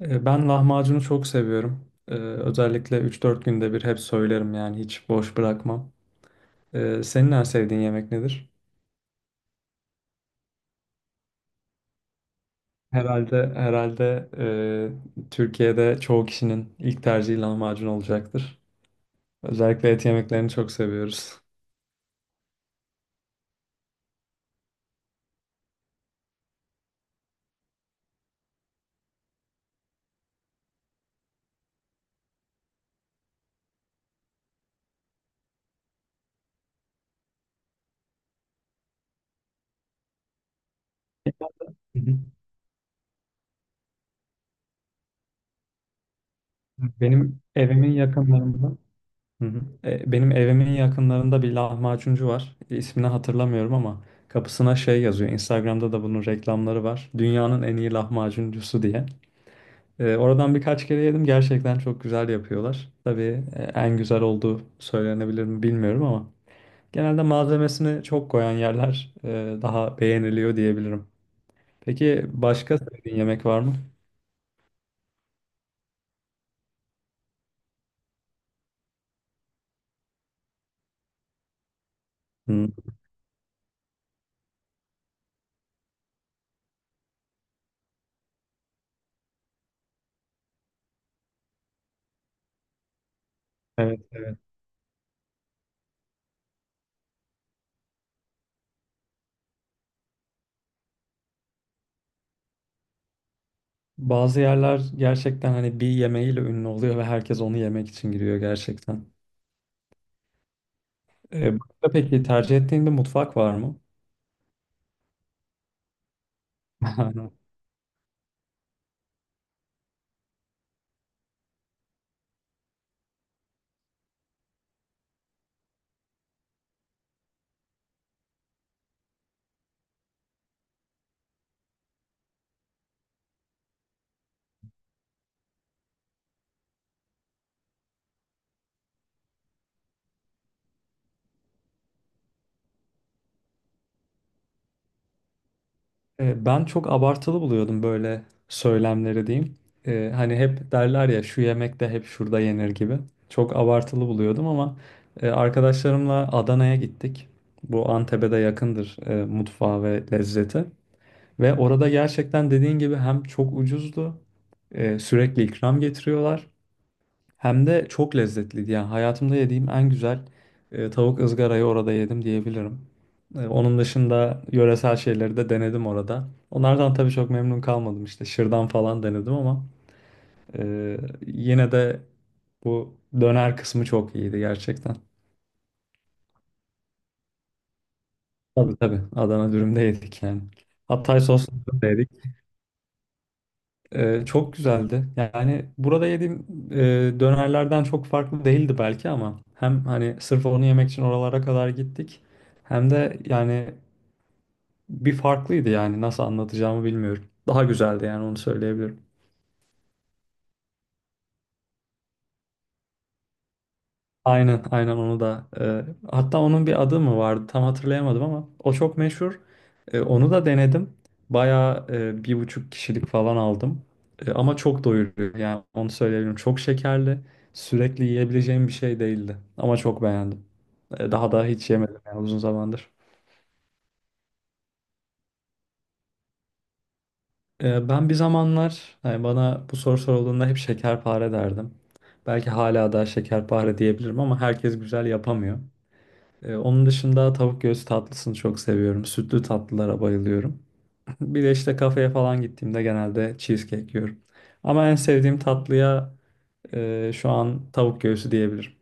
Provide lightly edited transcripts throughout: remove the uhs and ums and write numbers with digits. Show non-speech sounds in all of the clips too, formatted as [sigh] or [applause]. Ben lahmacunu çok seviyorum. Özellikle üç dört günde bir hep söylerim yani hiç boş bırakmam. Senin en sevdiğin yemek nedir? Herhalde herhalde, Türkiye'de çoğu kişinin ilk tercihi lahmacun olacaktır. Özellikle et yemeklerini çok seviyoruz. [laughs] Hı hı. Benim evimin yakınlarında. Hı hı. Benim evimin yakınlarında bir lahmacuncu var. İsmini hatırlamıyorum ama kapısına şey yazıyor. Instagram'da da bunun reklamları var. Dünyanın en iyi lahmacuncusu diye. Oradan birkaç kere yedim. Gerçekten çok güzel yapıyorlar. Tabii, en güzel olduğu söylenebilir mi bilmiyorum ama genelde malzemesini çok koyan yerler, daha beğeniliyor diyebilirim. Peki başka sevdiğin yemek var mı? Hmm, Evet, evet. Bazı yerler gerçekten hani bir yemeğiyle ünlü oluyor ve herkes onu yemek için giriyor gerçekten. Başka peki tercih ettiğin bir mutfak var mı? [laughs] Ben çok abartılı buluyordum böyle söylemleri diyeyim. Hani hep derler ya şu yemek de hep şurada yenir gibi. Çok abartılı buluyordum ama arkadaşlarımla Adana'ya gittik. Bu Antep'e de yakındır, mutfağı ve lezzeti. Ve orada gerçekten dediğin gibi hem çok ucuzdu, sürekli ikram getiriyorlar. Hem de çok lezzetliydi. Yani hayatımda yediğim en güzel tavuk ızgarayı orada yedim diyebilirim. Onun dışında yöresel şeyleri de denedim orada. Onlardan tabii çok memnun kalmadım işte. Şırdan falan denedim ama e, yine de bu döner kısmı çok iyiydi gerçekten. Tabii tabii. Adana dürüm de yedik yani. Hatay soslu dürüm de yedik. Çok güzeldi. Yani burada yediğim dönerlerden çok farklı değildi belki ama hem hani sırf onu yemek için oralara kadar gittik hem de yani bir farklıydı yani nasıl anlatacağımı bilmiyorum. Daha güzeldi yani onu söyleyebilirim. Aynen, aynen onu da. Hatta onun bir adı mı vardı tam hatırlayamadım ama o çok meşhur. Onu da denedim. Bayağı bir buçuk kişilik falan aldım. Ama çok doyuruyor yani onu söyleyebilirim. Çok şekerli, sürekli yiyebileceğim bir şey değildi. Ama çok beğendim. Daha da hiç yemedim yani uzun zamandır. Ben bir zamanlar hani bana bu soru sorulduğunda hep şekerpare derdim. Belki hala da şekerpare diyebilirim ama herkes güzel yapamıyor. Onun dışında tavuk göğsü tatlısını çok seviyorum. Sütlü tatlılara bayılıyorum. [laughs] Bir de işte kafeye falan gittiğimde genelde cheesecake yiyorum. Ama en sevdiğim tatlıya şu an tavuk göğsü diyebilirim.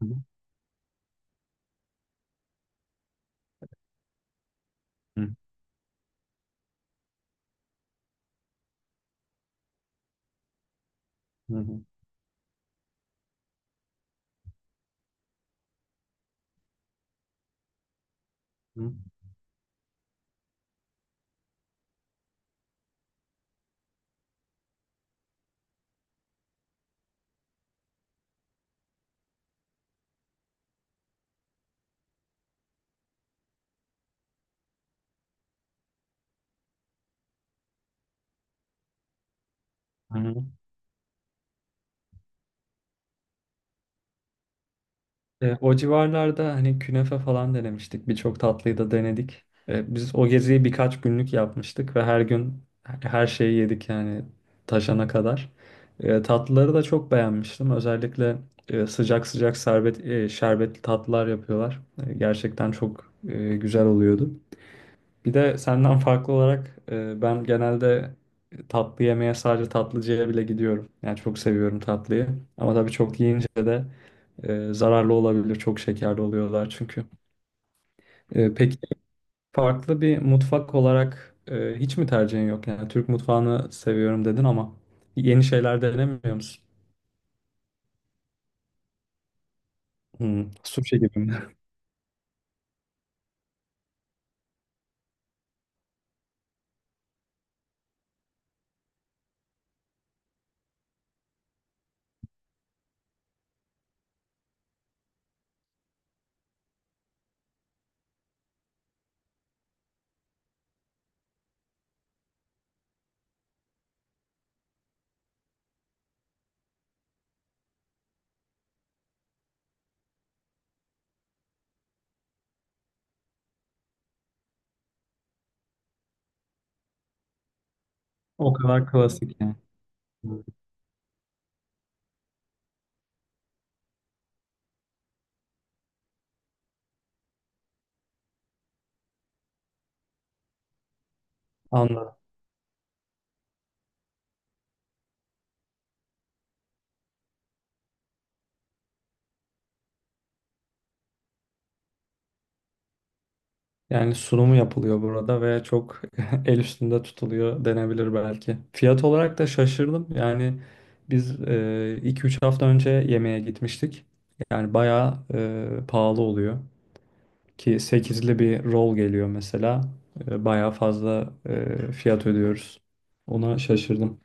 Hı hı. Hı hı. Hı hı. O civarlarda hani künefe falan denemiştik. Birçok tatlıyı da denedik. Biz o geziyi birkaç günlük yapmıştık ve her gün her şeyi yedik yani taşana kadar. Tatlıları da çok beğenmiştim. Özellikle sıcak sıcak serbet, şerbetli tatlılar yapıyorlar. Gerçekten çok güzel oluyordu. Bir de senden farklı olarak ben genelde tatlı yemeye sadece tatlıcıya bile gidiyorum. Yani çok seviyorum tatlıyı. Ama tabii çok yiyince de zararlı olabilir. Çok şekerli oluyorlar çünkü. Peki farklı bir mutfak olarak hiç mi tercihin yok? Yani Türk mutfağını seviyorum dedin ama yeni şeyler denemiyor musun? Hmm, sushi gibi mi? [laughs] O kadar klasik yani. Anladım. Yani sunumu yapılıyor burada ve çok [laughs] el üstünde tutuluyor denebilir belki. Fiyat olarak da şaşırdım. Yani biz iki üç hafta önce yemeğe gitmiştik. Yani bayağı pahalı oluyor. Ki sekizli bir roll geliyor mesela. Bayağı fazla fiyat ödüyoruz. Ona şaşırdım.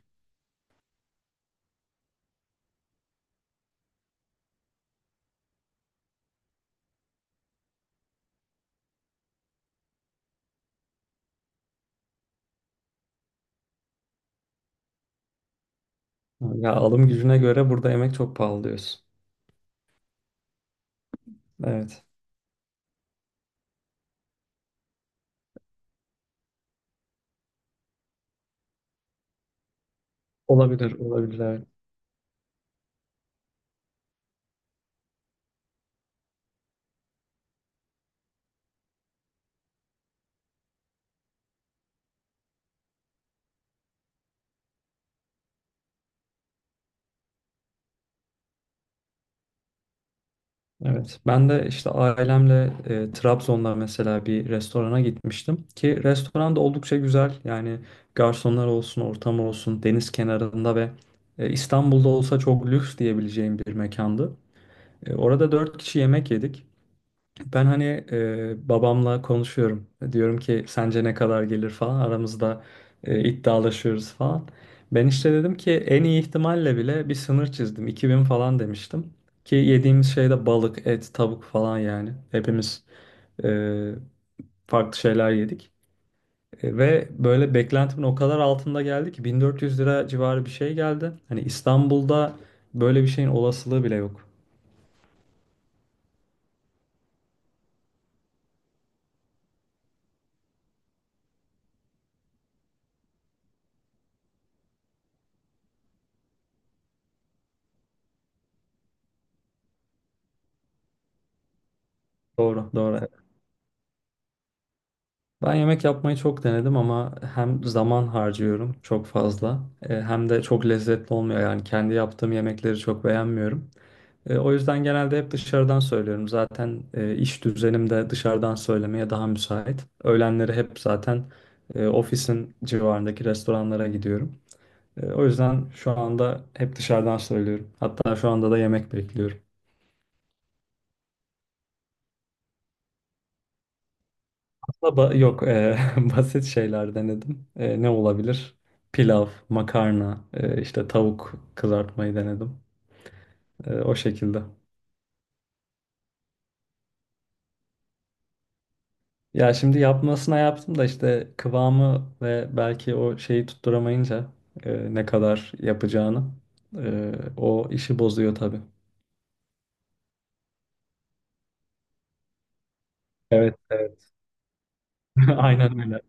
Ya alım gücüne göre burada yemek çok pahalı diyorsun. Evet. Olabilir, olabilir. Evet. Evet. Ben de işte ailemle Trabzon'da mesela bir restorana gitmiştim ki restoran da oldukça güzel. Yani garsonlar olsun, ortam olsun, deniz kenarında ve İstanbul'da olsa çok lüks diyebileceğim bir mekandı. Orada dört kişi yemek yedik. Ben hani babamla konuşuyorum. Diyorum ki sence ne kadar gelir falan. Aramızda iddialaşıyoruz falan. Ben işte dedim ki en iyi ihtimalle bile bir sınır çizdim. 2000 falan demiştim. Ki yediğimiz şey de balık, et, tavuk falan yani. Hepimiz e, farklı şeyler yedik. Ve böyle beklentimin o kadar altında geldi ki 1400 lira civarı bir şey geldi. Hani İstanbul'da böyle bir şeyin olasılığı bile yok. Doğru, doğru. Ben yemek yapmayı çok denedim ama hem zaman harcıyorum çok fazla, hem de çok lezzetli olmuyor. Yani kendi yaptığım yemekleri çok beğenmiyorum. O yüzden genelde hep dışarıdan söylüyorum. Zaten iş düzenim de dışarıdan söylemeye daha müsait. Öğlenleri hep zaten ofisin civarındaki restoranlara gidiyorum. O yüzden şu anda hep dışarıdan söylüyorum. Hatta şu anda da yemek bekliyorum. Baba yok [laughs] basit şeyler denedim. Ne olabilir? Pilav, makarna, işte tavuk kızartmayı denedim. O şekilde. Ya şimdi yapmasına yaptım da işte kıvamı ve belki o şeyi tutturamayınca ne kadar yapacağını o işi bozuyor tabii. Evet, evet. [laughs] Aynen öyle.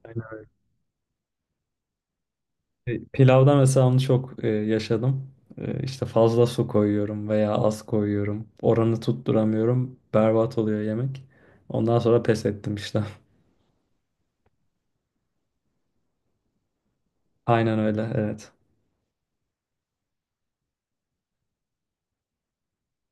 Pilavda mesela onu çok yaşadım. İşte fazla su koyuyorum veya az koyuyorum. Oranı tutturamıyorum. Berbat oluyor yemek. Ondan sonra pes ettim işte. [laughs] Aynen öyle, evet.